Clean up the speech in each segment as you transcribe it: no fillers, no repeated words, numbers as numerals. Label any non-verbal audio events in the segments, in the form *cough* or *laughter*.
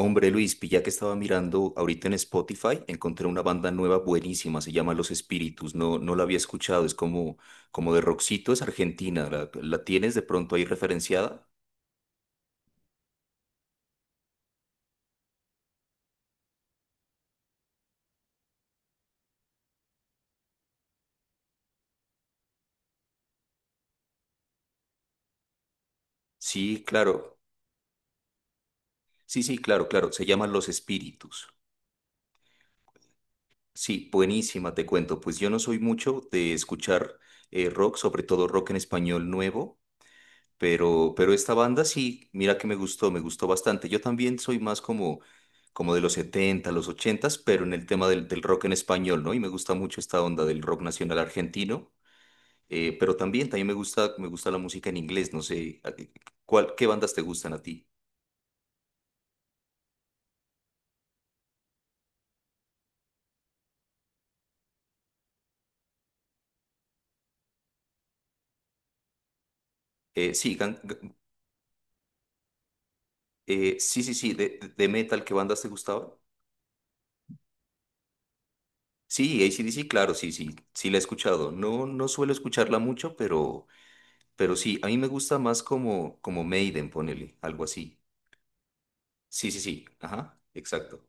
Hombre Luis, pilla que estaba mirando ahorita en Spotify, encontré una banda nueva buenísima, se llama Los Espíritus, no, no la había escuchado, es como de rockcito, es argentina, ¿la tienes de pronto ahí referenciada? Sí, claro, sí, sí, claro, claro, se llama Los Espíritus. Sí, buenísima, te cuento, pues yo no soy mucho de escuchar rock, sobre todo rock en español nuevo. Pero esta banda sí, mira que me gustó bastante. Yo también soy más como de los 70 los 80, pero en el tema del rock en español, ¿no? Y me gusta mucho esta onda del rock nacional argentino. Pero también me gusta la música en inglés, no sé. ¿Qué bandas te gustan a ti? Sí, sí, sí, sí, de metal, ¿qué bandas te gustaban? Sí, AC/DC, claro, sí, sí, sí la he escuchado. No, no suelo escucharla mucho, pero sí, a mí me gusta más como Maiden, ponele, algo así. Sí, sí, sí. Ajá, exacto.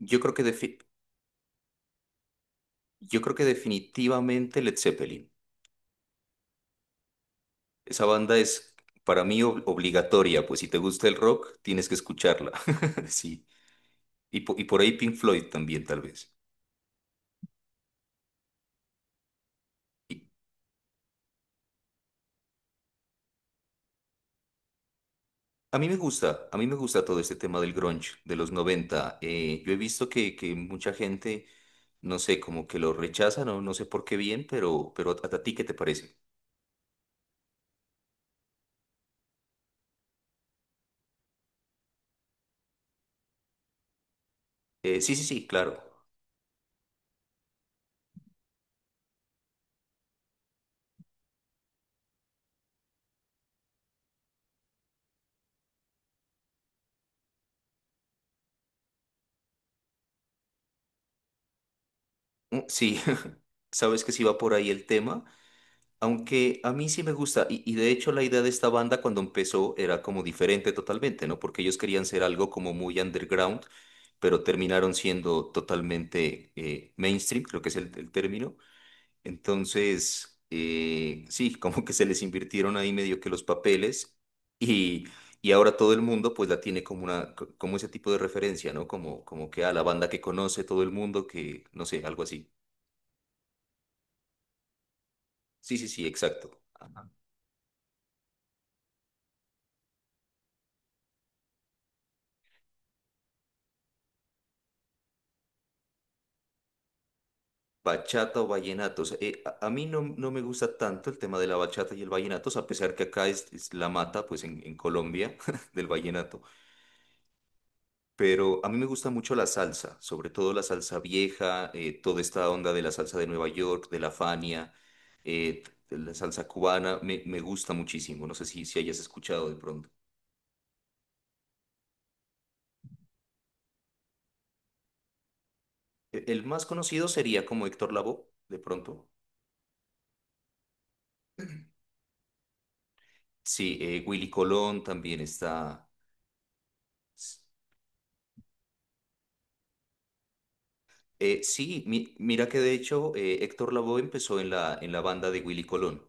Yo creo que, defi- yo creo que definitivamente Led Zeppelin. Esa banda es para mí obligatoria, pues si te gusta el rock, tienes que escucharla. *laughs* Sí. Y por ahí Pink Floyd también, tal vez. Y a mí me gusta todo este tema del grunge de los 90. Yo he visto que mucha gente, no sé, como que lo rechaza, no, no sé por qué bien, pero a ti, ¿qué te parece? Sí, sí, sí, claro. Mm, sí. *laughs* Sabes que sí va por ahí el tema. Aunque a mí sí me gusta, y de hecho la idea de esta banda cuando empezó era como diferente totalmente, ¿no? Porque ellos querían ser algo como muy underground, pero terminaron siendo totalmente mainstream, creo que es el término. Entonces, sí, *laughs* como que se les invirtieron ahí medio que los papeles y, y ahora todo el mundo pues la tiene como como ese tipo de referencia, ¿no? Como que a la banda que conoce todo el mundo, que no sé, algo así. Sí, sí, sí, exacto. Bachata o vallenatos. A mí no, no me gusta tanto el tema de la bachata y el vallenato, o sea, a pesar que acá es la mata, pues en Colombia, *laughs* del vallenato. Pero a mí me gusta mucho la salsa, sobre todo la salsa vieja, toda esta onda de la salsa de Nueva York, de la Fania, eh, de la salsa cubana, me gusta muchísimo. No sé si hayas escuchado de pronto. El más conocido sería como Héctor Lavoe, de pronto. Sí, Willy Colón también está. Sí, mira que de hecho Héctor Lavoe empezó en la banda de Willy Colón.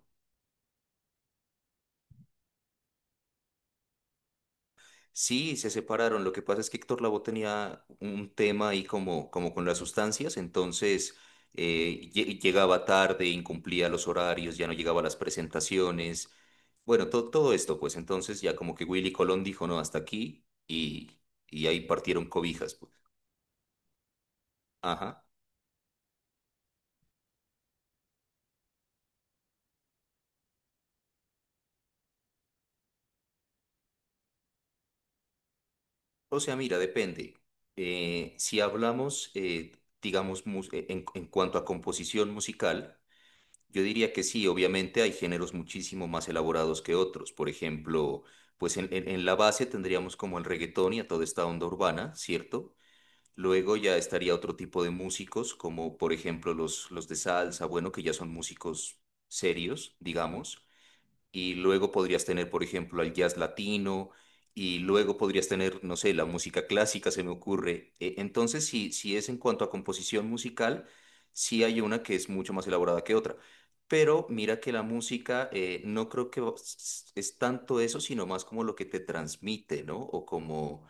Sí, se separaron. Lo que pasa es que Héctor Lavoe tenía un tema ahí como con las sustancias, entonces llegaba tarde, incumplía los horarios, ya no llegaba a las presentaciones. Bueno, todo esto, pues entonces ya como que Willy Colón dijo no, hasta aquí y ahí partieron cobijas, pues. Ajá. O sea, mira, depende. Si hablamos, digamos, en cuanto a composición musical, yo diría que sí, obviamente hay géneros muchísimo más elaborados que otros. Por ejemplo, pues en la base tendríamos como el reggaetón y a toda esta onda urbana, ¿cierto? Luego ya estaría otro tipo de músicos, como por ejemplo los de salsa, bueno, que ya son músicos serios, digamos, y luego podrías tener, por ejemplo, al jazz latino, y luego podrías tener, no sé, la música clásica, se me ocurre. Entonces, si es en cuanto a composición musical, sí hay una que es mucho más elaborada que otra. Pero mira que la música no creo que es tanto eso, sino más como lo que te transmite, ¿no? O como,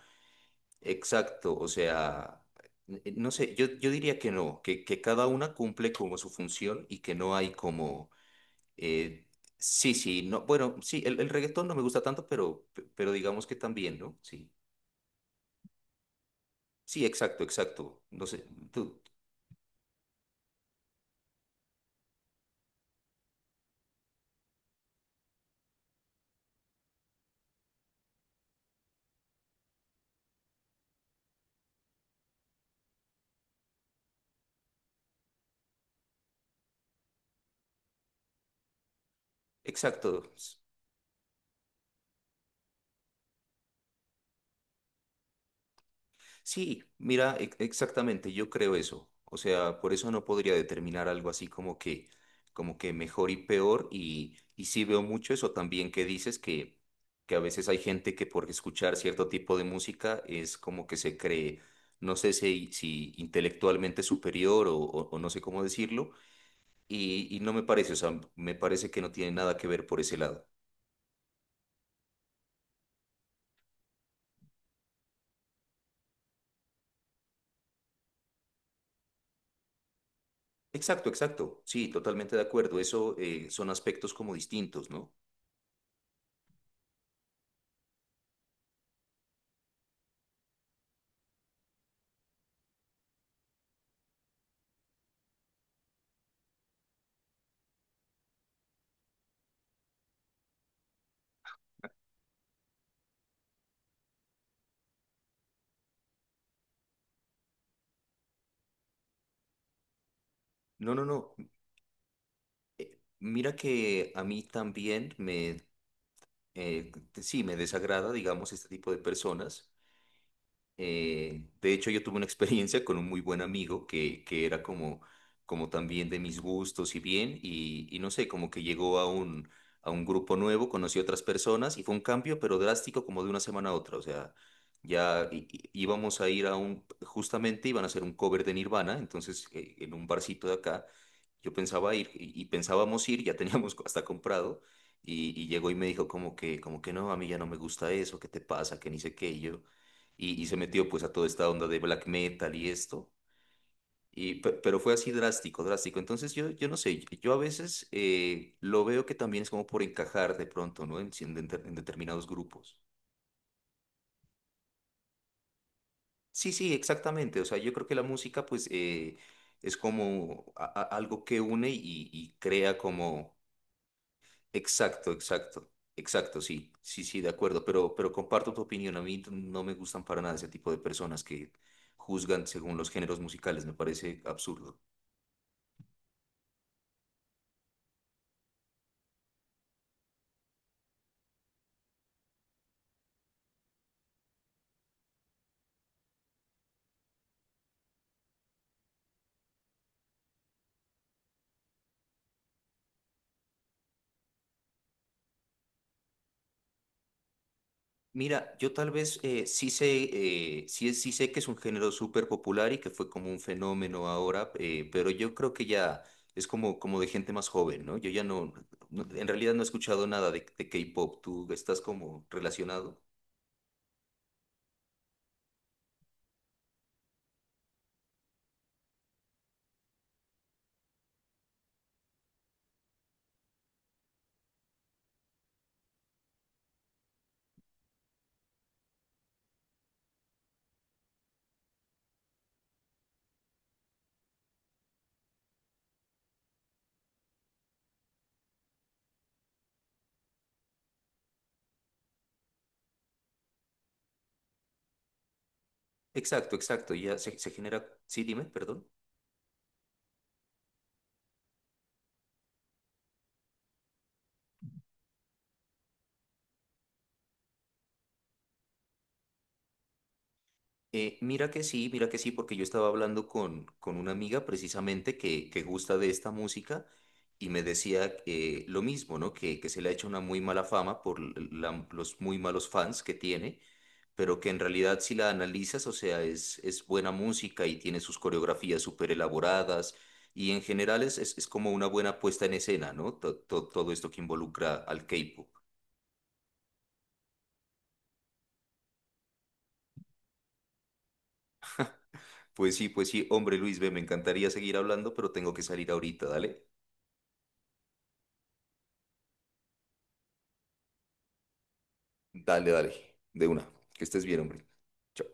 exacto, o sea, no sé, yo diría que no, que cada una cumple como su función y que no hay como eh, sí, sí, no, bueno, sí, el reggaetón no me gusta tanto, pero digamos que también, ¿no? Sí, sí, exacto, exacto. No sé, tú, exacto. Sí, mira, exactamente, yo creo eso. O sea, por eso no podría determinar algo así como que, mejor y peor. Y sí veo mucho eso también que dices que a veces hay gente que por escuchar cierto tipo de música es como que se cree, no sé si intelectualmente superior o o no sé cómo decirlo. Y no me parece, o sea, me parece que no tiene nada que ver por ese lado. Exacto, exacto. Sí, totalmente de acuerdo. Eso son aspectos como distintos, ¿no? No, no, no. Mira que a mí también eh, sí, me desagrada, digamos, este tipo de personas. De hecho, yo tuve una experiencia con un muy buen amigo que era como también de mis gustos y bien, y no sé, como que llegó a un, grupo nuevo, conoció otras personas y fue un cambio, pero drástico como de una semana a otra. O sea, ya íbamos a ir justamente iban a hacer un cover de Nirvana, entonces en un barcito de acá, yo pensaba ir y pensábamos ir, ya teníamos *laughs* hasta comprado, y llegó y me dijo como que no, a mí ya no me gusta eso, ¿qué te pasa? Que ni sé qué, y yo y se metió pues a toda esta onda de black metal y esto, pero fue así drástico, drástico. Entonces yo no sé, yo a veces lo veo que también es como por encajar de pronto, ¿no? En, si en de- en determinados grupos. Sí, sí, exactamente. O sea, yo creo que la música pues es como algo que une y crea como... Exacto, exacto. Exacto, sí, sí, sí, de acuerdo, pero comparto tu opinión. A mí no me gustan para nada ese tipo de personas que juzgan según los géneros musicales, me parece absurdo. Mira, yo tal vez sí sé, sí, sí sé que es un género súper popular y que fue como un fenómeno ahora, pero yo creo que ya es como de gente más joven, ¿no? Yo ya no, en realidad no he escuchado nada de K-pop, tú estás como relacionado. Exacto, exacto, ya se genera, sí, dime, perdón. Mira que sí, porque yo estaba hablando con una amiga precisamente que gusta de esta música y me decía que lo mismo, ¿no? Que se le ha hecho una muy mala fama por los muy malos fans que tiene, pero que en realidad si la analizas, o sea, es buena música y tiene sus coreografías súper elaboradas y en general es como una buena puesta en escena, ¿no? Todo esto que involucra al K-pop. Pues sí, hombre Luis, ve, me encantaría seguir hablando, pero tengo que salir ahorita, dale. Dale, dale, de una. Que estés bien, hombre. Chao.